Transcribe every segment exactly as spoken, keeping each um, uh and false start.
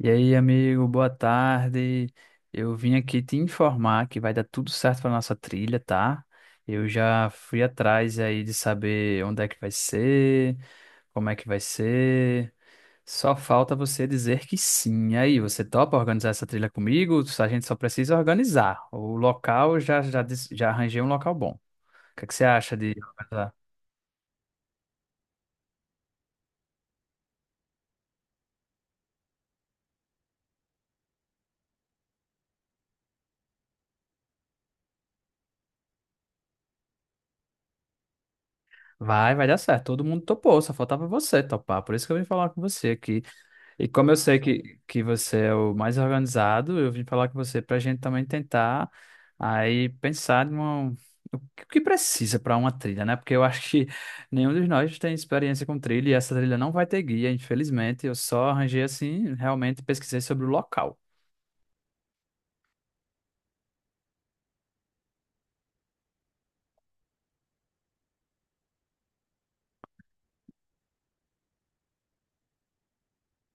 E aí, amigo, boa tarde. Eu vim aqui te informar que vai dar tudo certo para nossa trilha, tá? Eu já fui atrás aí de saber onde é que vai ser, como é que vai ser. Só falta você dizer que sim. E aí, você topa organizar essa trilha comigo? A gente só precisa organizar. O local, eu já, já, dis- já arranjei um local bom. O que é que você acha de organizar? Vai, vai dar certo. Todo mundo topou, só faltava você topar. Por isso que eu vim falar com você aqui. E como eu sei que, que você é o mais organizado, eu vim falar com você para a gente também tentar aí pensar numa, o que que precisa para uma trilha, né? Porque eu acho que nenhum de nós tem experiência com trilha e essa trilha não vai ter guia, infelizmente. Eu só arranjei assim, realmente pesquisei sobre o local.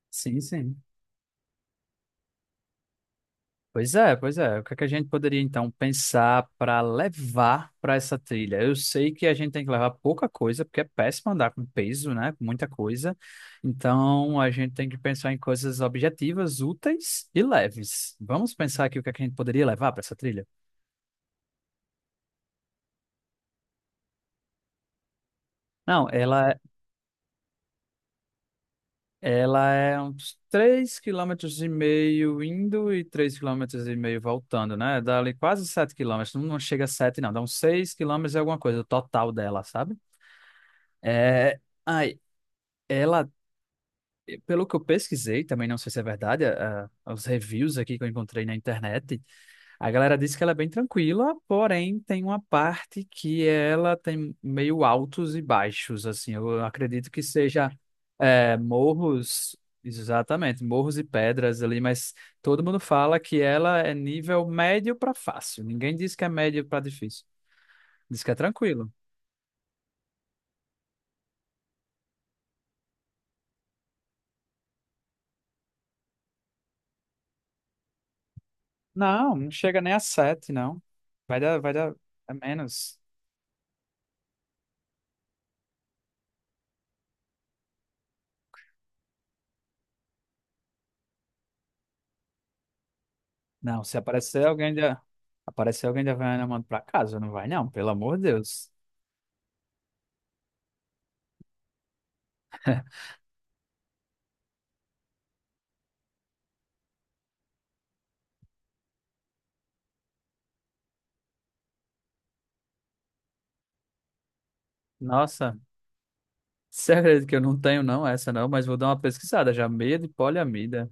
Sim, sim. Pois é, pois é. O que é que a gente poderia então pensar para levar para essa trilha? Eu sei que a gente tem que levar pouca coisa, porque é péssimo andar com peso, né? Com muita coisa. Então a gente tem que pensar em coisas objetivas, úteis e leves. Vamos pensar aqui o que é que a gente poderia levar para essa trilha? Não, ela, ela é uns três quilômetros e meio indo e três quilômetros e meio voltando, né? Dá ali quase sete quilômetros. Não, não chega a sete, não. Dá uns seis quilômetros e alguma coisa, o total dela, sabe? É, ai, ela, pelo que eu pesquisei, também não sei se é verdade, a- a- os reviews aqui que eu encontrei na internet, a galera disse que ela é bem tranquila, porém tem uma parte que ela tem meio altos e baixos, assim, eu acredito que seja é, morros, exatamente, morros e pedras ali, mas todo mundo fala que ela é nível médio para fácil, ninguém diz que é médio para difícil, diz que é tranquilo. Não, não chega nem a sete, não. Vai dar, vai dar, é menos. Não, se aparecer alguém da, aparecer alguém da Havaiana, eu mando pra casa, não vai não, pelo amor de Deus. Nossa, segredo que eu não tenho não, essa não, mas vou dar uma pesquisada já, meia de poliamida.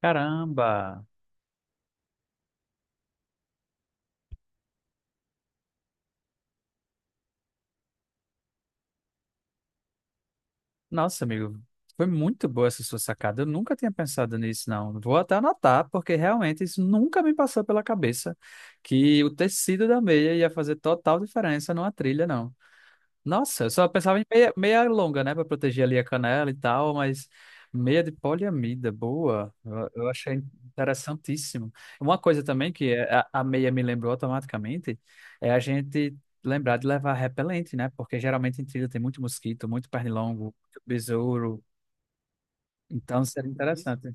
Caramba. Nossa, amigo, foi muito boa essa sua sacada, eu nunca tinha pensado nisso não. Vou até anotar, porque realmente isso nunca me passou pela cabeça, que o tecido da meia ia fazer total diferença numa trilha, não. Nossa, eu só pensava em meia, meia longa, né? Pra proteger ali a canela e tal, mas meia de poliamida, boa. Eu, eu achei interessantíssimo. Uma coisa também que é, a, a meia me lembrou automaticamente é a gente lembrar de levar repelente, né? Porque geralmente em trilha tem muito mosquito, muito pernilongo, muito besouro. Então seria interessante.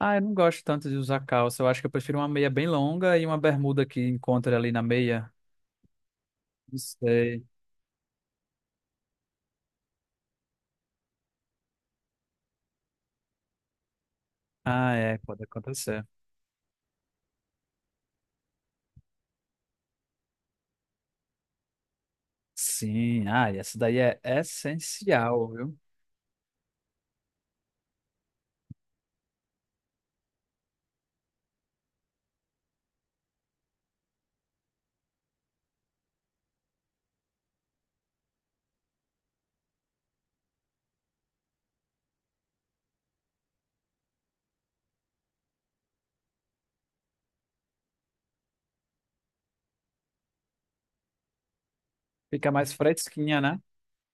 Ah, eu não gosto tanto de usar calça. Eu acho que eu prefiro uma meia bem longa e uma bermuda que encontra ali na meia. Não sei. Ah, é, pode acontecer. Sim, ah, e essa daí é essencial, viu? Fica mais fresquinha, né?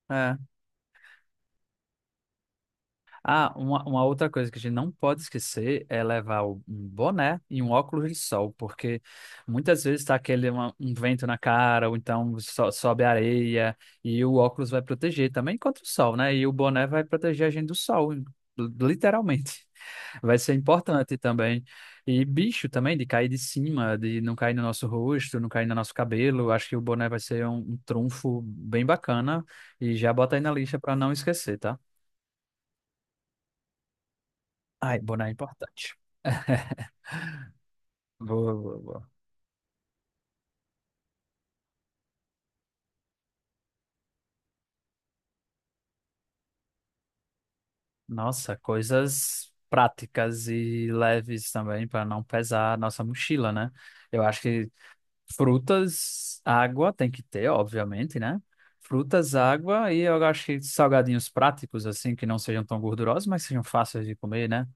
É. Ah, uma, uma outra coisa que a gente não pode esquecer é levar o- um boné e um óculos de sol, porque muitas vezes está aquele uma- um vento na cara, ou então so- sobe areia, e o óculos vai proteger também contra o sol, né? E o boné vai proteger a gente do sol, li- literalmente. Vai ser importante também. E bicho também, de cair de cima, de não cair no nosso rosto, não cair no nosso cabelo. Acho que o boné vai ser um, um trunfo bem bacana. E já bota aí na lista para não esquecer, tá? Ai, boné é importante. Boa, boa, boa. Nossa, coisas práticas e leves também para não pesar a nossa mochila, né? Eu acho que frutas, água tem que ter, obviamente, né? Frutas, água e eu acho que salgadinhos práticos assim que não sejam tão gordurosos, mas sejam fáceis de comer, né?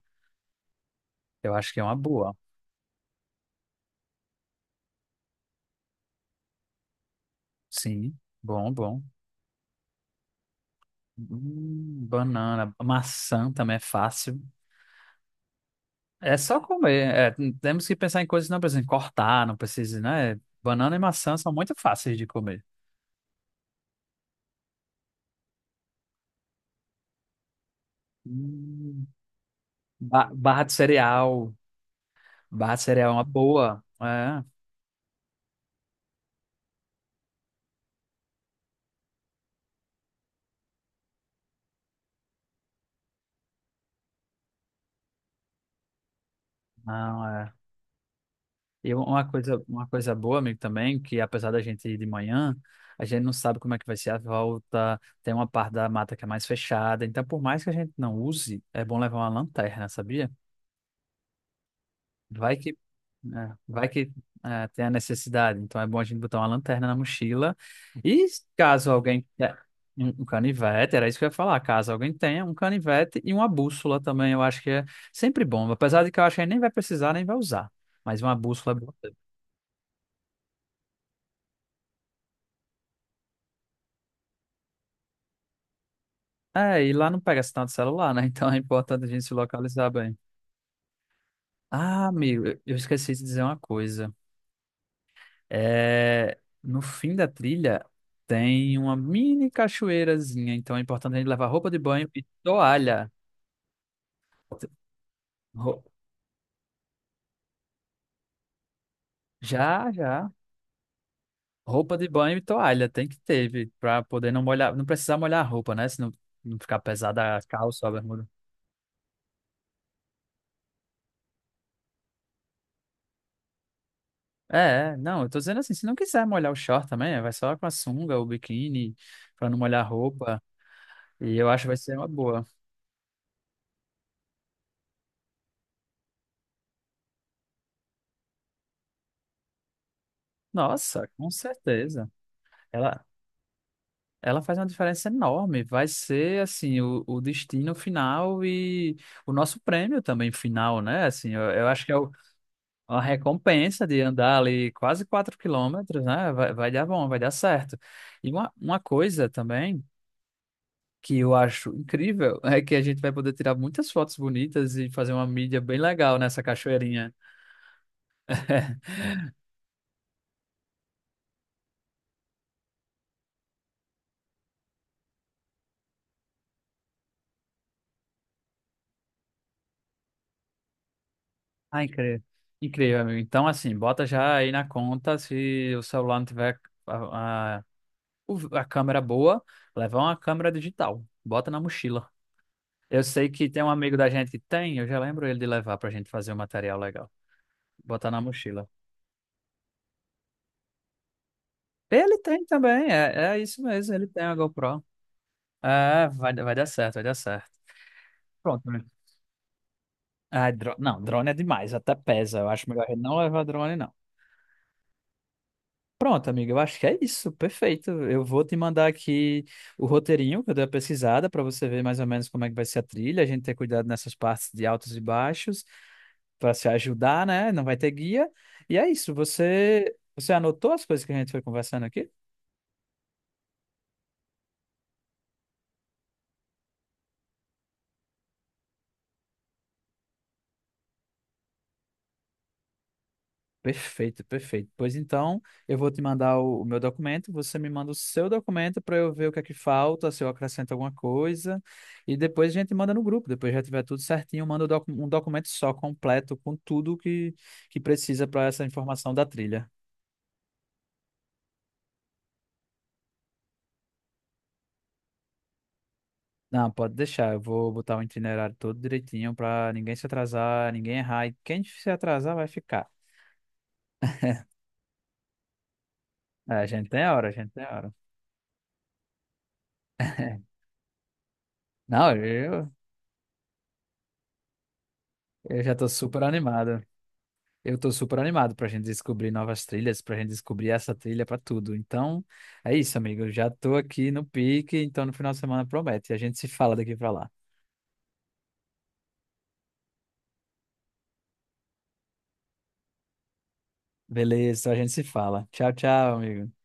Eu acho que é uma boa. Sim, bom, bom. Hum, banana, maçã também é fácil. É só comer. É, temos que pensar em coisas que não precisam cortar, não precisa, né? Banana e maçã são muito fáceis de comer. Hum. Ba- barra de cereal. Barra de cereal é uma boa. É, não, é. E uma, coisa, uma coisa boa, amigo, também, que apesar da gente ir de manhã, a gente não sabe como é que vai ser a volta. Tem uma parte da mata que é mais fechada. Então, por mais que a gente não use, é bom levar uma lanterna, sabia? Vai que, é, vai que é, tem a necessidade. Então é bom a gente botar uma lanterna na mochila. E caso alguém. é, Um um canivete, era isso que eu ia falar. Caso alguém tenha um canivete e uma bússola também, eu acho que é sempre bom. Apesar de que eu acho que a gente nem vai precisar, nem vai usar. Mas uma bússola é boa. Ter. É, e lá não pega sinal de celular, né? Então é importante a gente se localizar bem. Ah, amigo, eu eu esqueci de dizer uma coisa. É, no fim da trilha tem uma mini cachoeirazinha, então é importante a gente levar roupa de banho e toalha. Ro- Já, já. Roupa de banho e toalha tem que ter, vi, pra poder não molhar, não precisar molhar a roupa, né? Se não, não ficar pesada a calça, a bermuda. É, é, não, eu tô dizendo assim, se não quiser molhar o short também, vai só com a sunga, ou biquíni, pra não molhar a roupa. E eu acho que vai ser uma boa. Nossa, com certeza. Ela, Ela faz uma diferença enorme. Vai ser, assim, o, o destino final e o nosso prêmio também final, né? Assim, eu, eu acho que é o- uma recompensa de andar ali quase quatro quilômetros, né? Vai, vai dar bom, vai dar certo. E uma, uma coisa também que eu acho incrível é que a gente vai poder tirar muitas fotos bonitas e fazer uma mídia bem legal nessa cachoeirinha. Ah, incrível. Incrível, amigo. Então, assim, bota já aí na conta se o celular não tiver o- a câmera boa, levar uma câmera digital, bota na mochila. Eu sei que tem um amigo da gente que tem, eu já lembro ele de levar pra gente fazer um material legal. Botar na mochila. Ele tem também, é, é isso mesmo, ele tem a GoPro. É, vai, vai dar certo, vai dar certo. Pronto, amigo. Ah, dro- não, drone é demais, até pesa. Eu acho melhor ele não levar drone, não. Pronto, amigo, eu acho que é isso, perfeito. Eu vou te mandar aqui o roteirinho que eu dei a pesquisada para você ver mais ou menos como é que vai ser a trilha, a gente ter cuidado nessas partes de altos e baixos. Para se ajudar, né? Não vai ter guia. E é isso. Você, você anotou as coisas que a gente foi conversando aqui? Perfeito, perfeito. Pois então, eu vou te mandar o, o meu documento, você me manda o seu documento para eu ver o que é que falta, se eu acrescento alguma coisa, e depois a gente manda no grupo. Depois já tiver tudo certinho, manda o docu- um documento só, completo, com tudo que, que precisa para essa informação da trilha. Não, pode deixar, eu vou botar o itinerário todo direitinho para ninguém se atrasar, ninguém errar, e quem se atrasar vai ficar. É, a gente tem a hora, a gente tem a hora. Não, eu, eu já tô super animado. Eu tô super animado pra gente descobrir novas trilhas, pra gente descobrir essa trilha pra tudo. Então, é isso, amigo. Eu já tô aqui no pique, então no final de semana promete. A gente se fala daqui pra lá. Beleza, a gente se fala. Tchau, tchau, amigo.